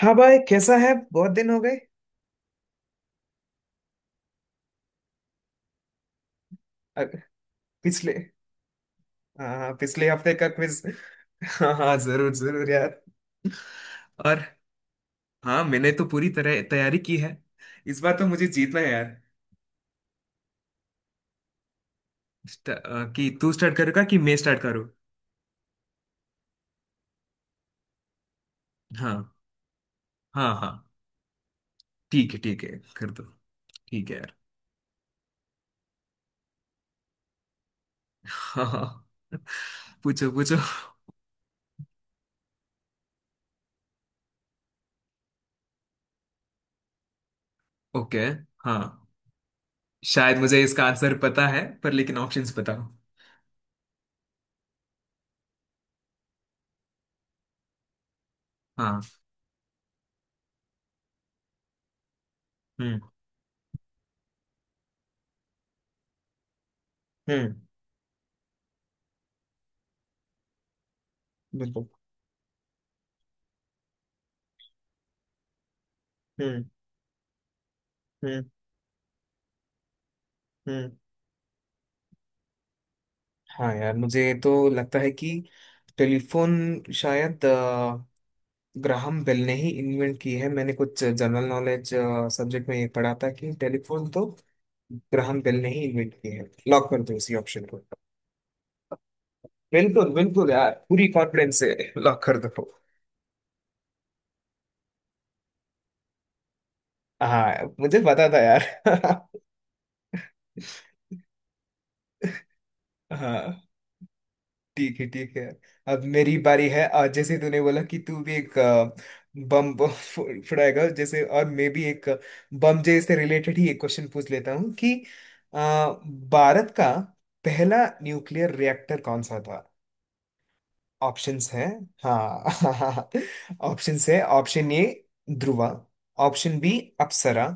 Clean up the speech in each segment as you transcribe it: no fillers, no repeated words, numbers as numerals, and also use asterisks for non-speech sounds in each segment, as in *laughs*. हाँ भाई, कैसा है? बहुत दिन हो गए। अ, पिछले हाँ हाँ, पिछले हफ्ते का क्विज। हाँ हाँ, जरूर जरूर यार। और। हाँ, मैंने तो पूरी तरह तैयारी की है। इस बार तो मुझे जीतना है यार। कि तू स्टार्ट करेगा कि मैं स्टार्ट करूँ? हाँ हाँ हाँ ठीक है कर दो ठीक है यार हाँ हाँ हाँ। पूछो पूछो। ओके। हाँ। शायद मुझे इसका आंसर पता है, पर लेकिन ऑप्शंस बताओ। हाँ। हम्म। हम्म। बिल्कुल। हम्म। हम्म। हम्म। हाँ यार, मुझे तो लगता है कि टेलीफोन शायद ग्राहम बेल ने ही इन्वेंट की है। मैंने कुछ जनरल नॉलेज सब्जेक्ट में ये पढ़ा था कि टेलीफोन तो ग्राहम बेल ने ही इन्वेंट की है। लॉक कर दो इसी ऑप्शन को। बिल्कुल बिल्कुल यार, पूरी कॉन्फिडेंस से लॉक कर दो। हाँ, मुझे पता था यार। *laughs* हाँ, ठीक है ठीक है। अब मेरी बारी है। आज जैसे तूने बोला कि तू भी एक बम फुड़ाएगा, जैसे, और मैं भी एक बम जे से रिलेटेड ही एक क्वेश्चन पूछ लेता हूँ कि अ, भारत का पहला न्यूक्लियर रिएक्टर कौन सा था? ऑप्शंस हैं। हाँ। *laughs* ऑप्शंस है। Option A Dhruva, option B Apsara,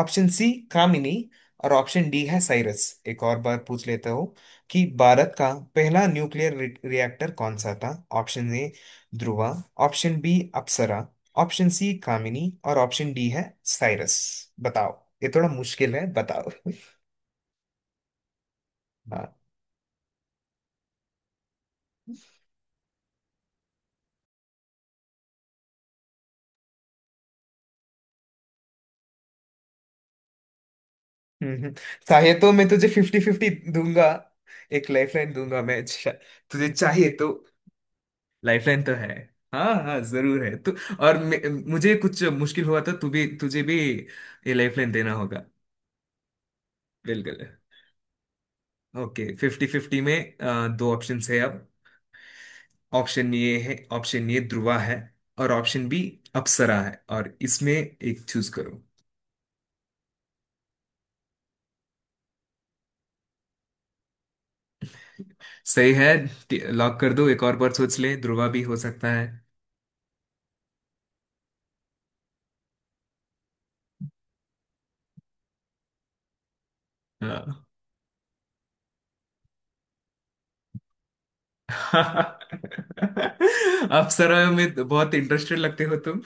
option C Kamini और ऑप्शन डी है साइरस। एक और बार पूछ लेता हूँ कि भारत का पहला न्यूक्लियर रिएक्टर कौन सा था? Option A Dhruva, option B Apsara, option C Kamini और ऑप्शन डी है साइरस। बताओ। ये थोड़ा मुश्किल है। बताओ। *laughs* हम्म। चाहे तो मैं तुझे फिफ्टी फिफ्टी दूंगा, एक लाइफलाइन दूंगा मैं। अच्छा, तुझे चाहिए तो। लाइफलाइन तो है। हाँ हाँ, जरूर है। तू और मुझे कुछ मुश्किल हुआ तो तू भी तुझे भी ये लाइफलाइन देना होगा। बिल्कुल। ओके। फिफ्टी फिफ्टी में दो ऑप्शन है अब। ऑप्शन ये ध्रुवा है और ऑप्शन बी अप्सरा है। और इसमें एक चूज करो। सही है। लॉक कर दो। एक और बार सोच ले, ध्रुवा भी हो सकता है। हाँ। *laughs* अप्सरा में बहुत इंटरेस्टेड लगते हो तुम।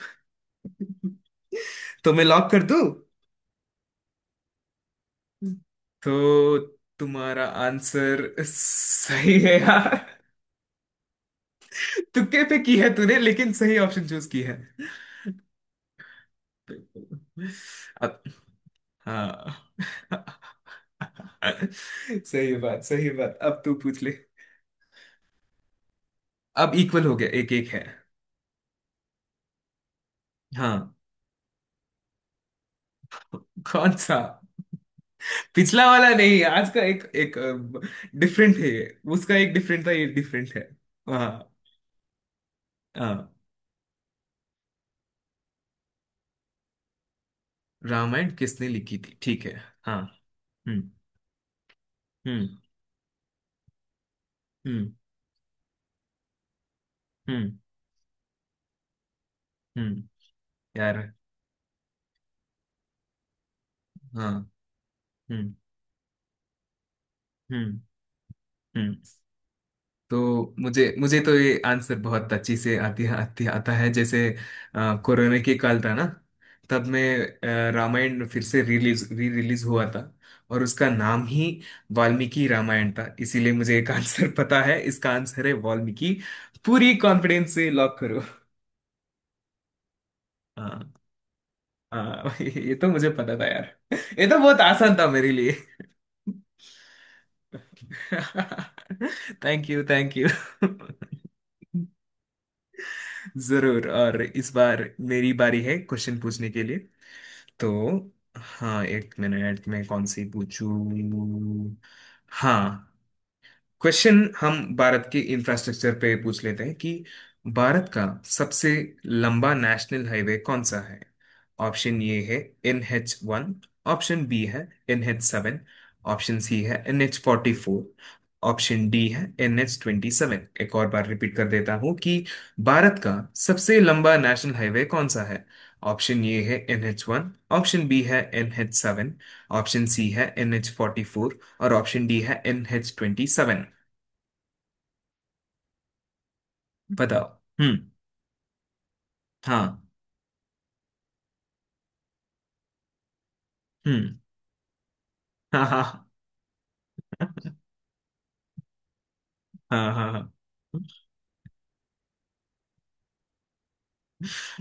तो मैं लॉक कर दूं? तो तुम्हारा आंसर सही है यार। तुक्के पे की है तूने, लेकिन सही ऑप्शन चूज की है। अब हाँ। *laughs* सही बात, सही बात। अब तू पूछ ले। अब इक्वल हो गया। एक एक है। हाँ। कौन सा? पिछला वाला नहीं, आज का। एक एक डिफरेंट है ये। उसका एक डिफरेंट था, ये डिफरेंट है। हाँ। अ, रामायण किसने लिखी थी? ठीक है। हाँ। हम्म। हम्म। हम्म। हम्म। हम्म। यार। हाँ। हम्म। हम्म। हम्म। तो मुझे मुझे तो ये आंसर बहुत अच्छी से आती आती आता है, जैसे, कोरोना के काल था ना। तब मैं, रामायण फिर से रिलीज हुआ था, और उसका नाम ही वाल्मीकि रामायण था, इसीलिए मुझे एक आंसर पता है। इसका आंसर है वाल्मीकि। पूरी कॉन्फिडेंस से लॉक करो। हाँ हाँ। *laughs* ये तो मुझे पता था यार। ये तो बहुत आसान था मेरे लिए। *laughs* Thank you thank you. *laughs* जरूर। और इस बार मेरी बारी है क्वेश्चन पूछने के लिए, तो। हाँ, एक मिनट। मैं कौन सी पूछूं? हाँ। क्वेश्चन हम भारत के इंफ्रास्ट्रक्चर पे पूछ लेते हैं कि भारत का सबसे लंबा नेशनल हाईवे कौन सा है? ऑप्शन ए है NH1, ऑप्शन बी है NH7, ऑप्शन सी है NH44, ऑप्शन डी है NH27। एक और बार रिपीट कर देता हूं कि भारत का सबसे लंबा नेशनल हाईवे कौन सा है? ऑप्शन ए है N H one, option B है N H seven, option C है एन एच फोर्टी फोर और ऑप्शन डी है NH27। बताओ। हम्म। हाँ। हम्म। हाँ हाँ। हाँ हाँ हाँ।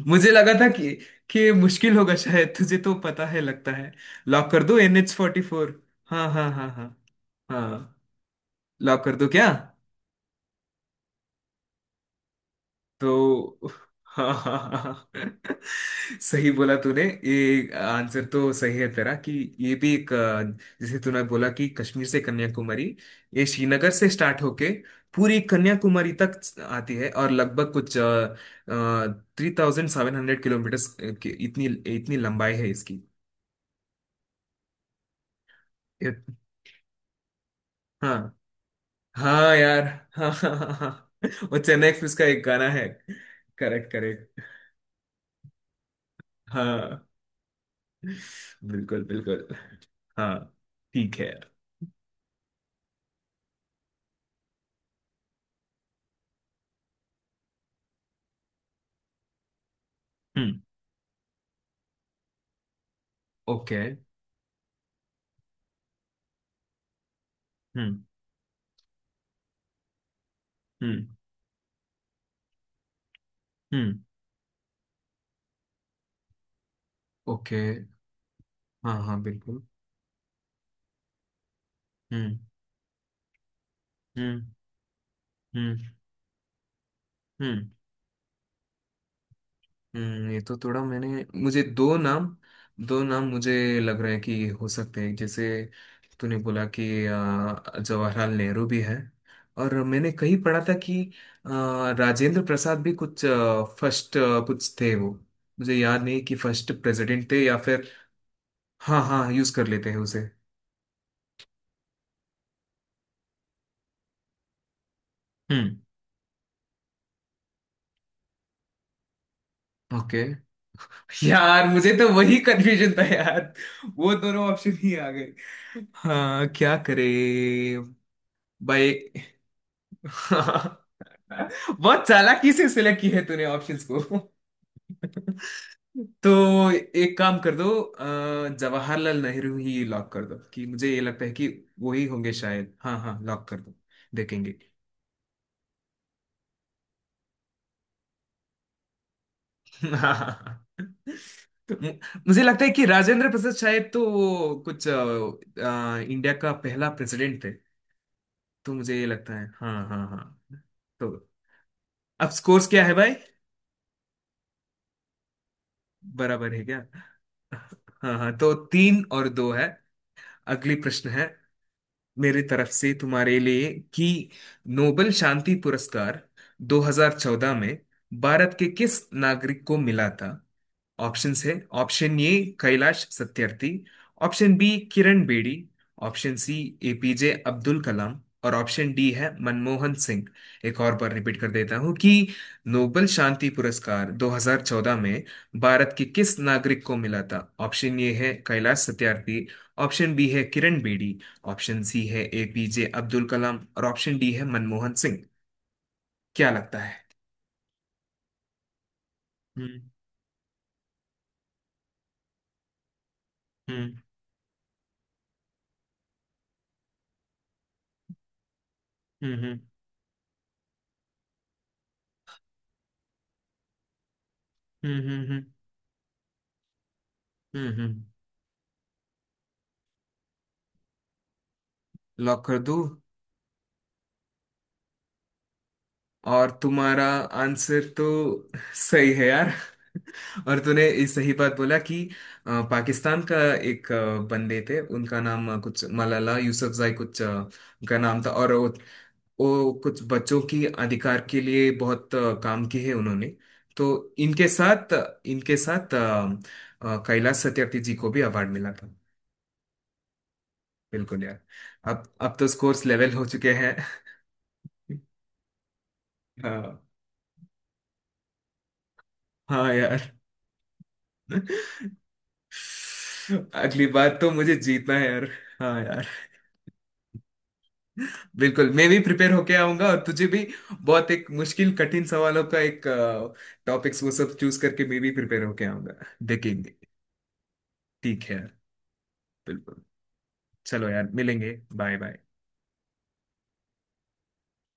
मुझे लगा था कि ये मुश्किल होगा, शायद तुझे तो पता है लगता है। लॉक कर दो NH44। हाँ हाँ हाँ हाँ हाँ। लॉक कर दो क्या? तो *laughs* हाँ हाँ हाँ हाँ। सही बोला तूने। ये आंसर तो सही है तेरा कि ये भी एक अ, जैसे तूने बोला कि कश्मीर से कन्याकुमारी, ये श्रीनगर से स्टार्ट होके पूरी कन्याकुमारी तक आती है, और लगभग कुछ 3,700 किलोमीटर की इतनी इतनी लंबाई है इसकी। ये- हाँ हाँ यार। हाँ हाँ हाँ हाँ, वो चेन्नई एक्सप्रेस का एक गाना है। Correct correct. हाँ बिल्कुल बिल्कुल। हाँ, ठीक है। हम्म। ओके। हम्म। हम्म। हम्म। ओके। हाँ हाँ, बिल्कुल। हम्म। हम्म। हम्म। हम्म। ये तो थोड़ा मैंने मुझे दो नाम मुझे लग रहा है कि हो सकते हैं, जैसे तूने बोला कि जवाहरलाल नेहरू भी है, और मैंने कहीं पढ़ा था कि राजेंद्र प्रसाद भी कुछ फर्स्ट कुछ थे वो। मुझे याद नहीं कि फर्स्ट प्रेसिडेंट थे या फिर। हाँ हाँ, यूज कर लेते हैं उसे। हम्म। ओके। यार, मुझे तो वही कंफ्यूजन था यार। वो दोनों ऑप्शन ही आ गए। हाँ, क्या करे। भाई। *laughs* बहुत चालाकी से सिलेक्ट की है तूने ऑप्शंस को। *laughs* तो एक काम कर दो। जवाहरलाल नेहरू ही लॉक कर दो कि मुझे ये लगता है कि वो ही होंगे शायद। हाँ हाँ, लॉक कर दो। देखेंगे। *laughs* हाँ। मु- मुझे लगता है कि राजेंद्र प्रसाद शायद, तो वो कुछ इंडिया का पहला प्रेसिडेंट थे। तो मुझे ये लगता है। हाँ हाँ हाँ। तो अब स्कोर्स क्या है भाई? बराबर है क्या? हाँ हाँ, तो तीन और दो है। अगली प्रश्न है मेरी तरफ से तुम्हारे लिए कि नोबेल शांति पुरस्कार 2014 में भारत के किस नागरिक को मिला था? ऑप्शंस है। Option A Kailash Satyarthi, option B Kiran Bedi, option C APJ Abdul Kalam और ऑप्शन डी है मनमोहन सिंह। एक और बार रिपीट कर देता हूं कि नोबेल शांति पुरस्कार 2014 में भारत के किस नागरिक को मिला था? ऑप्शन ए है कैलाश सत्यार्थी, ऑप्शन बी है किरण बेदी, ऑप्शन सी है एपीजे अब्दुल कलाम और ऑप्शन डी है मनमोहन सिंह। क्या लगता है? हम्म। हम्म। हम्म। हम्म। हम्म। हम्म। हम्म। लॉक कर दो। और तुम्हारा आंसर तो सही है यार। *laughs* और तूने ये सही बात बोला कि पाकिस्तान का एक बंदे थे, उनका नाम कुछ मलाला यूसुफजई कुछ उनका नाम था, और वो कुछ बच्चों की अधिकार के लिए बहुत काम किए है उन्होंने। तो इनके साथ इनके साथ कैलाश सत्यार्थी जी को भी अवार्ड मिला था। बिल्कुल यार। अब तो स्कोर्स लेवल हो चुके हैं। *laughs* हाँ हाँ यार। *laughs* *laughs* अगली बार तो मुझे जीतना है यार। हाँ यार। बिल्कुल, मैं भी प्रिपेयर होके आऊंगा, और तुझे भी बहुत एक मुश्किल कठिन सवालों का एक टॉपिक्स वो सब चूज करके मैं भी प्रिपेयर होके आऊंगा। देखेंगे। ठीक है यार। बिल्कुल। चलो यार, मिलेंगे। Bye bye.